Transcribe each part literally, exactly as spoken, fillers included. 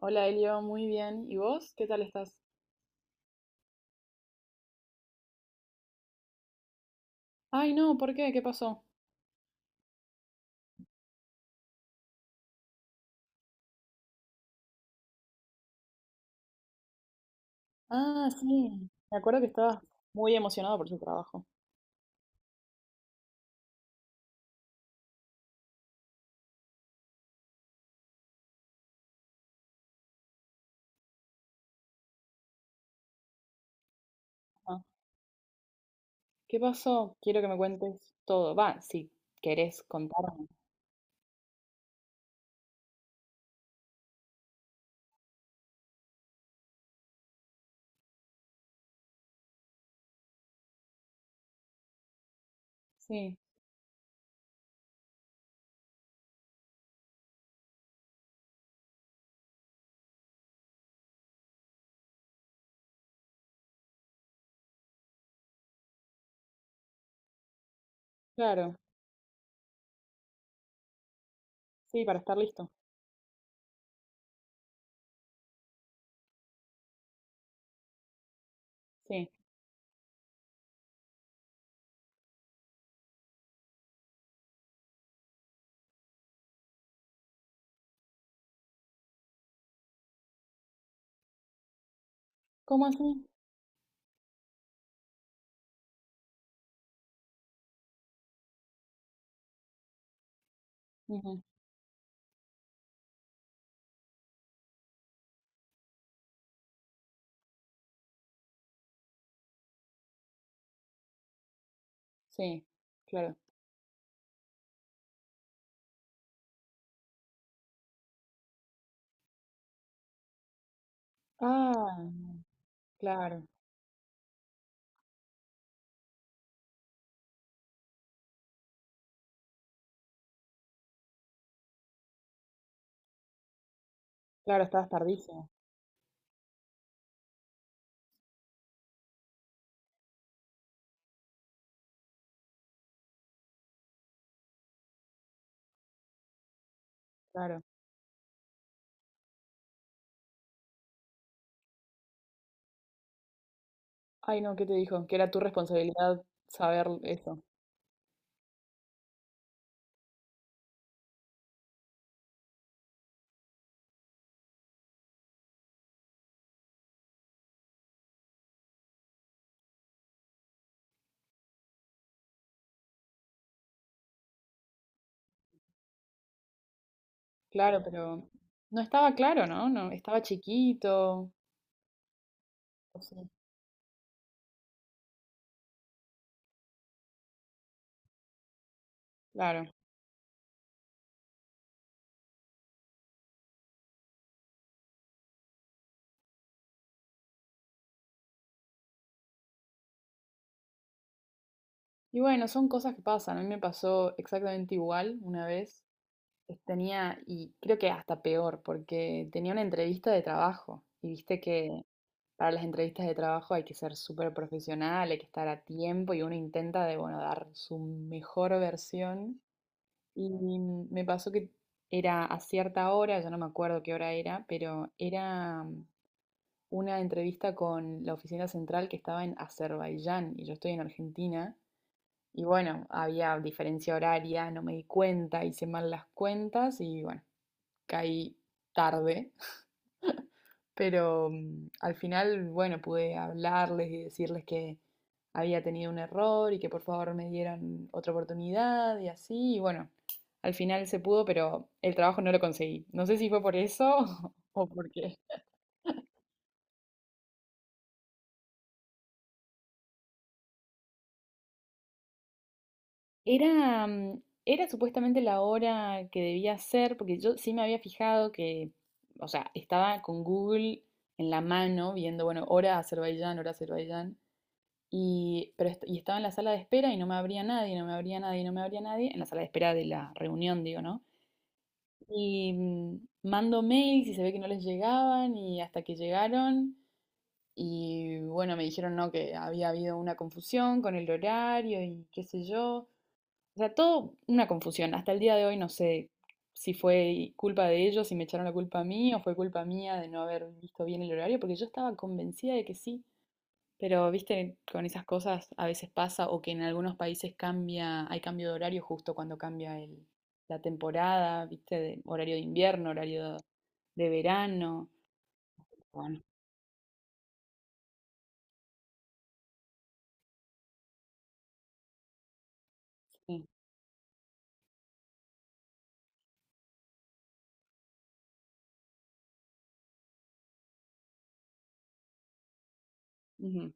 Hola Elio, muy bien. ¿Y vos? ¿Qué tal estás? Ay, no, ¿por qué? ¿Qué pasó? Ah, sí. Me acuerdo que estabas muy emocionado por tu trabajo. Ajá. ¿Qué pasó? Quiero que me cuentes todo. Va, si querés contarme. Sí, claro. Sí, para estar listo. Sí. ¿Cómo así? Ujú. Sí, claro. Ah, claro. Claro, estabas tardísimo. Claro. Ay, no, ¿qué te dijo? Que era tu responsabilidad saber eso. Claro, pero no estaba claro, ¿no? No, estaba chiquito. Pues sí. Claro. Y bueno, son cosas que pasan. A mí me pasó exactamente igual una vez. Es- Tenía, y creo que hasta peor, porque tenía una entrevista de trabajo. Y viste que para las entrevistas de trabajo hay que ser súper profesional, hay que estar a tiempo y uno intenta de, bueno, dar su mejor versión. Y me pasó que era a cierta hora, ya no me acuerdo qué hora era, pero era una entrevista con la oficina central que estaba en Azerbaiyán y yo estoy en Argentina. Y bueno, había diferencia horaria, no me di cuenta, hice mal las cuentas y bueno, caí tarde. Pero mm, al final, bueno, pude hablarles y decirles que había tenido un error y que por favor me dieran otra oportunidad y así. Y bueno, al final se pudo, pero el trabajo no lo conseguí. No sé si fue por eso o por qué. Era, mm, era supuestamente la hora que debía ser, porque yo sí me había fijado que, o sea, estaba con Google en la mano viendo, bueno, hora Azerbaiyán, hora Azerbaiyán, y, pero est- y estaba en la sala de espera y no me abría nadie, no me abría nadie, no me abría nadie, en la sala de espera de la reunión, digo, ¿no? Y mm, mando mails y se ve que no les llegaban y hasta que llegaron y bueno, me dijeron, no, que había habido una confusión con el horario y qué sé yo. O sea, todo una confusión. Hasta el día de hoy no sé si fue culpa de ellos, si me echaron la culpa a mí o fue culpa mía de no haber visto bien el horario, porque yo estaba convencida de que sí. Pero, viste, con esas cosas a veces pasa o que en algunos países cambia, hay cambio de horario justo cuando cambia el, la temporada, viste, de horario de invierno, horario de verano. Bueno, sí. Ujú.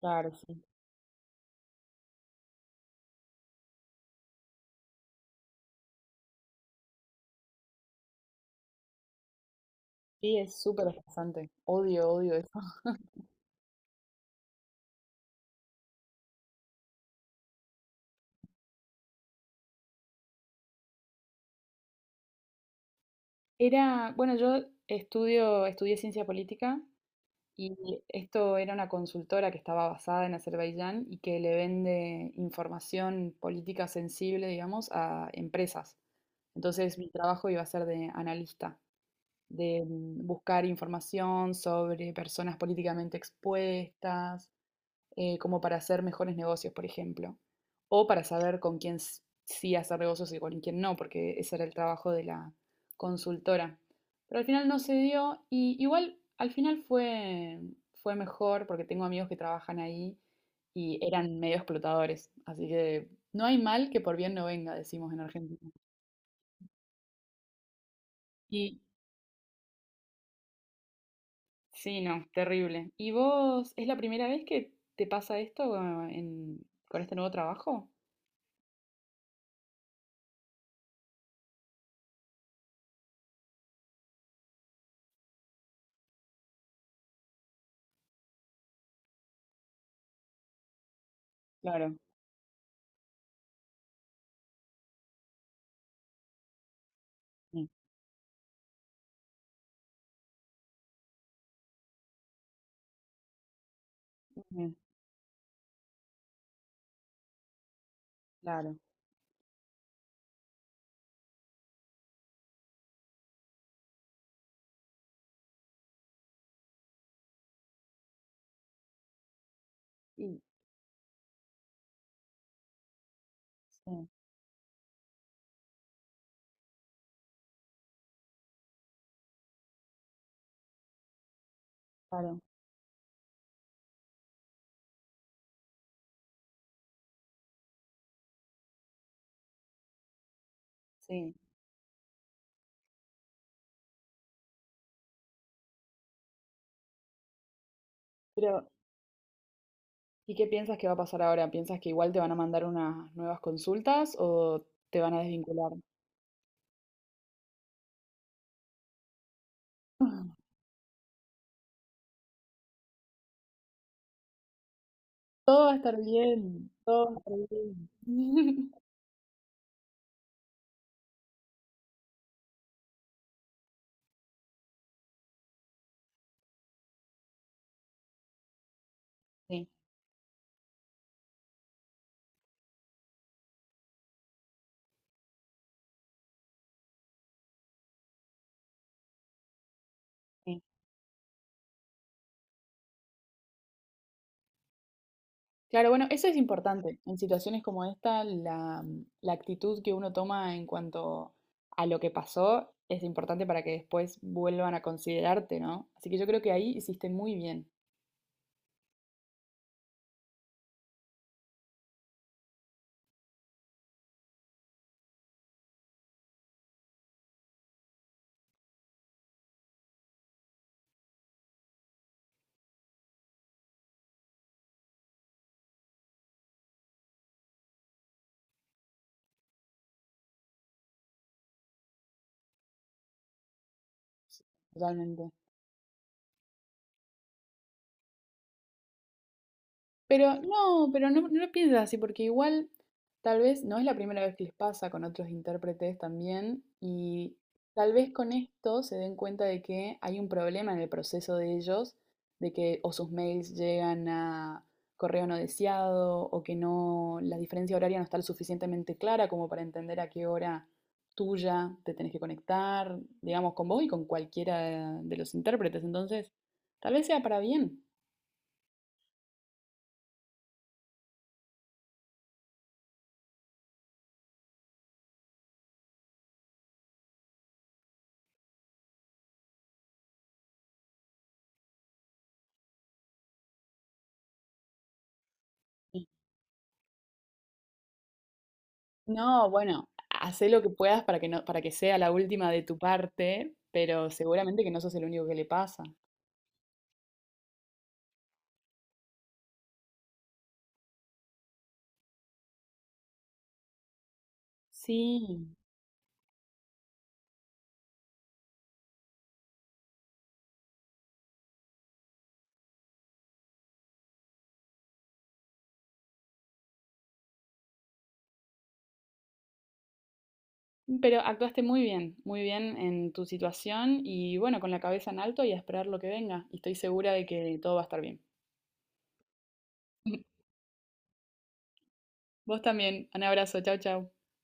Claro, sí. Sí, es súper estresante. Odio, odio eso. Era, bueno, yo estudio, estudié ciencia política. Y esto era una consultora que estaba basada en Azerbaiyán y que le vende información política sensible, digamos, a empresas. Entonces mi trabajo iba a ser de analista, de mm, buscar información sobre personas políticamente expuestas, eh, como para hacer mejores negocios, por ejemplo, o para saber con quién sí hacer negocios y con quién no, porque ese era el trabajo de la consultora. Pero al final no se dio y igual al final fue, fue mejor porque tengo amigos que trabajan ahí y eran medio explotadores, así que no hay mal que por bien no venga, decimos en Argentina. Y sí, no, terrible. ¿Y vos es la primera vez que te pasa esto, eh, en- con este nuevo trabajo? Claro. Mm. Mm. Claro. Y, sí, claro, sí. Pero, ¿y qué piensas que va a pasar ahora? ¿Piensas que igual te van a mandar unas nuevas consultas o te van a desvincular? Todo va a estar bien, todo va a estar bien. Sí, sí. Claro, bueno, eso es importante. En situaciones como esta, la, la actitud que uno toma en cuanto a lo que pasó es importante para que después vuelvan a considerarte, ¿no? Así que yo creo que ahí hiciste muy bien. Sí. Totalmente. Pero no, pero no, no lo piensas así, porque igual tal vez no es la primera vez que les pasa con otros intérpretes también, y tal vez con esto se den cuenta de que hay un problema en el proceso de ellos, de que o sus mails llegan a correo no deseado, o que no, la diferencia horaria no está lo suficientemente clara como para entender a qué hora tuya te tenés que conectar, digamos, con vos y con cualquiera de los intérpretes. Entonces, tal vez sea para bien. No, bueno, hacé lo que puedas para que no, para que sea la última de tu parte, pero seguramente que no sos el único que le pasa. Sí, pero actuaste muy bien, muy bien en tu situación y bueno, con la cabeza en alto y a esperar lo que venga. Y estoy segura de que todo va a estar bien. Vos también. Un abrazo. Chau, chau.